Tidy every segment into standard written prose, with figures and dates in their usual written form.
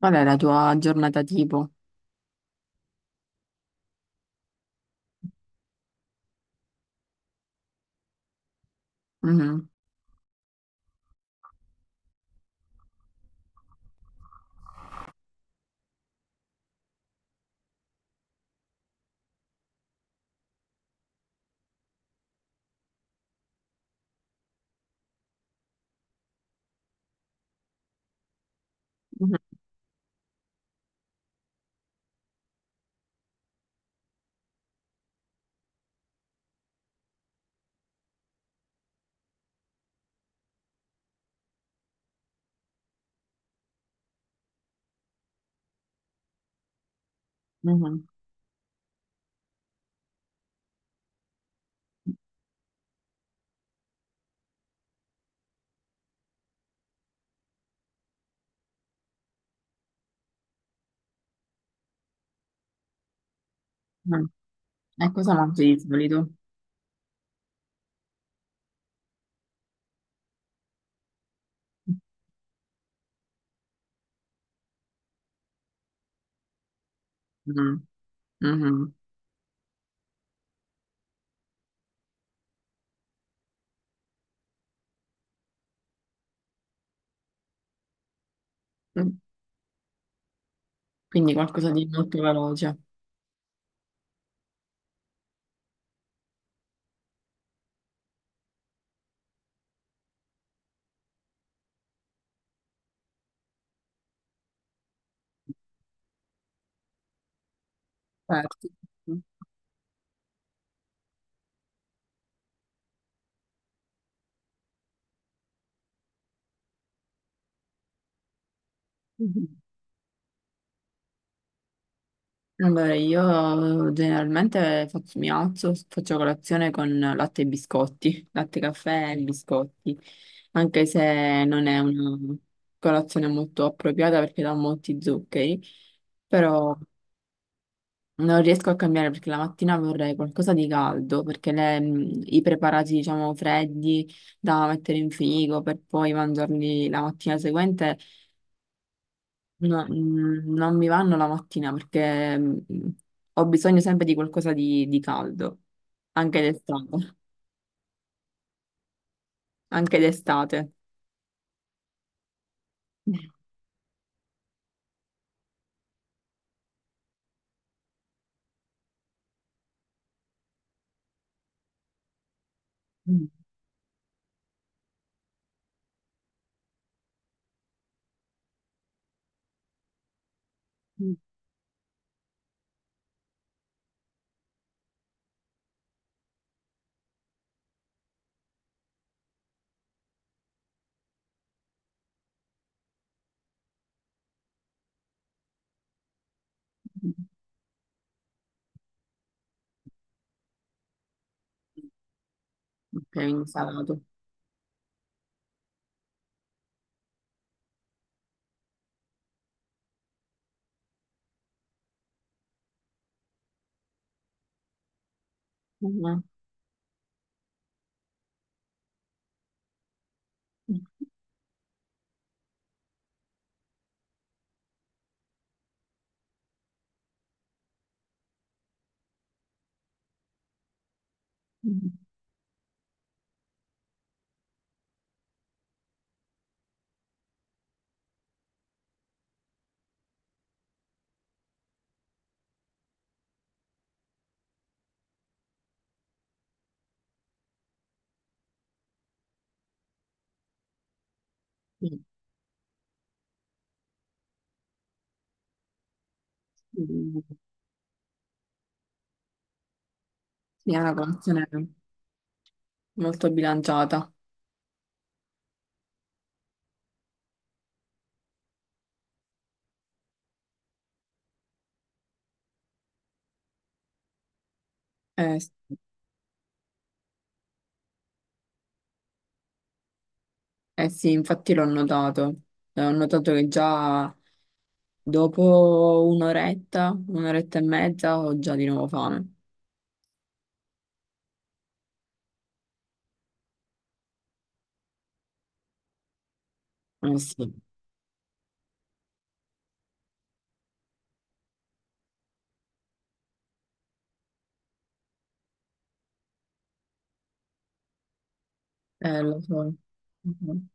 Qual è la tua giornata tipo? Mhm, mhm, mhm, mhm. E cosa mangi di solito? Mhm, mhm. Quindi qualcosa di molto veloce. Certo. Mhm. Allora, io generalmente mi alzo, faccio colazione con latte e biscotti, latte, caffè e biscotti, anche se non è una colazione molto appropriata perché dà molti zuccheri, però non riesco a cambiare perché la mattina vorrei qualcosa di caldo, perché i preparati, diciamo, freddi da mettere in frigo per poi mangiarli la mattina seguente non mi vanno la mattina perché ho bisogno sempre di qualcosa di caldo, anche d'estate, anche d'estate. Mm. Ok, quindi salato. Sì, è una colazione molto bilanciata. Sì. Eh sì, infatti l'ho notato. Ho notato che già dopo un'oretta, un'oretta e mezza ho già di nuovo fame. Eh sì, lo so. Mhm.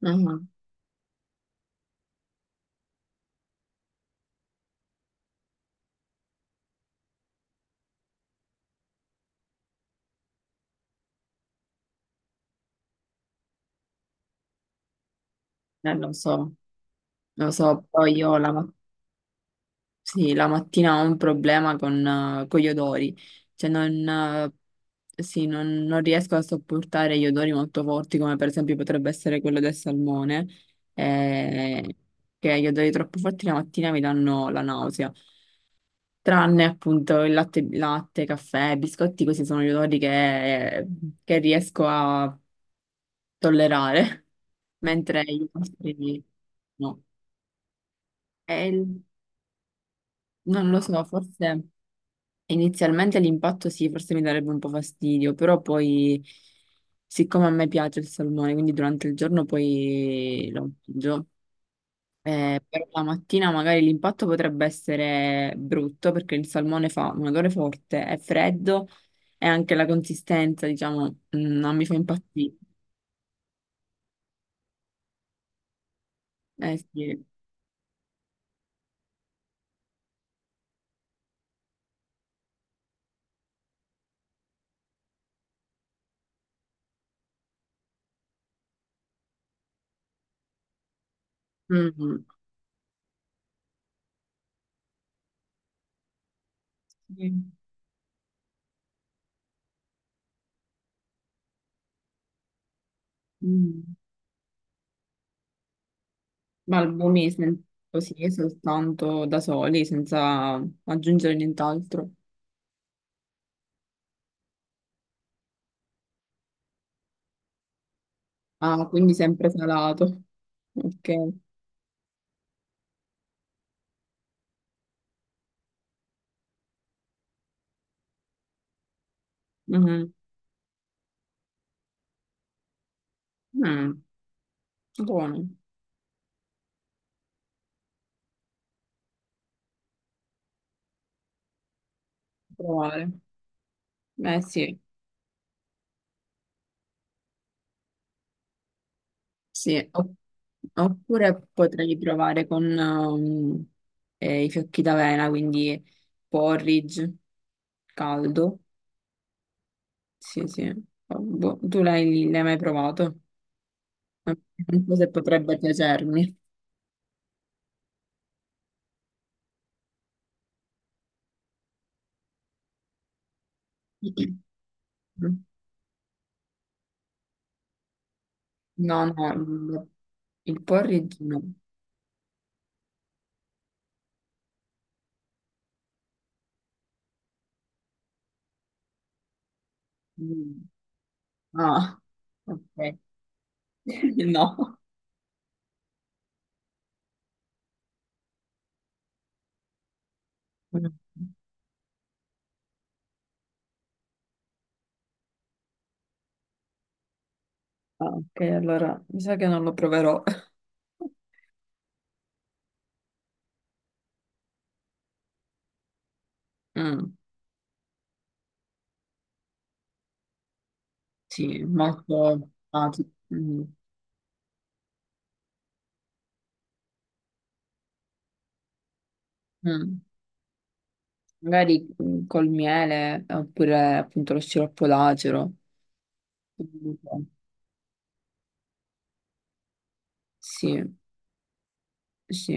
Mhm. Lo so, lo so. Poi sì, la mattina ho un problema con gli odori. Cioè non, sì, non, non riesco a sopportare gli odori molto forti, come per esempio potrebbe essere quello del salmone, eh, che gli odori troppo forti la mattina mi danno la nausea. Tranne appunto il latte, latte, caffè, biscotti, questi sono gli odori che riesco a tollerare, mentre gli altri no. E il- non lo so, forse inizialmente l'impatto sì, forse mi darebbe un po' fastidio, però poi, siccome a me piace il salmone, quindi durante il giorno poi lo mangio. Per la mattina magari l'impatto potrebbe essere brutto perché il salmone fa un odore forte, è freddo e anche la consistenza, diciamo, non mi fa impazzire. Eh sì. Mm. Sì. Mm. Ma così, soltanto da soli, senza aggiungere nient'altro. Ah, quindi sempre salato. Ok. Mhm. Mm. Buono. Provare. Eh sì. Sì, opp- oppure potrei provare con i fiocchi d'avena, quindi porridge caldo. Sì, sì. Oh, boh, tu l'hai mai provato? Non so se potrebbe piacermi. No, no, il porridge no. Mm. Ah, ok. No. Mm. Ah, ok, allora mi sa che non lo proverò. Mm, sì, molto... ah, sì, mm. Mm. Magari mm, col miele oppure appunto lo sciroppo d'acero. Comunque, sì, sì.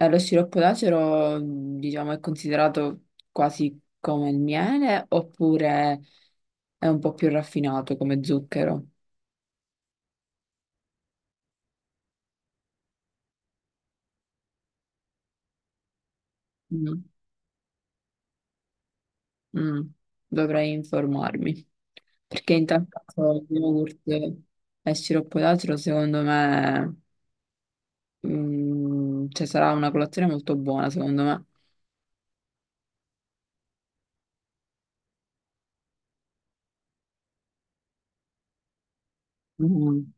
Lo sciroppo d'acero, mm, diciamo, è considerato quasi come il miele oppure è un po' più raffinato come zucchero. Mm. Mm. Dovrei informarmi. Perché in tal caso yogurt e sciroppo d'acero, secondo me, mm, cioè, sarà una colazione molto buona, secondo me. Mm.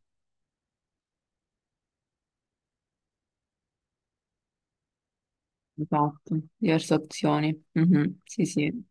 Esatto, diverse opzioni. Mhm, sì, sì.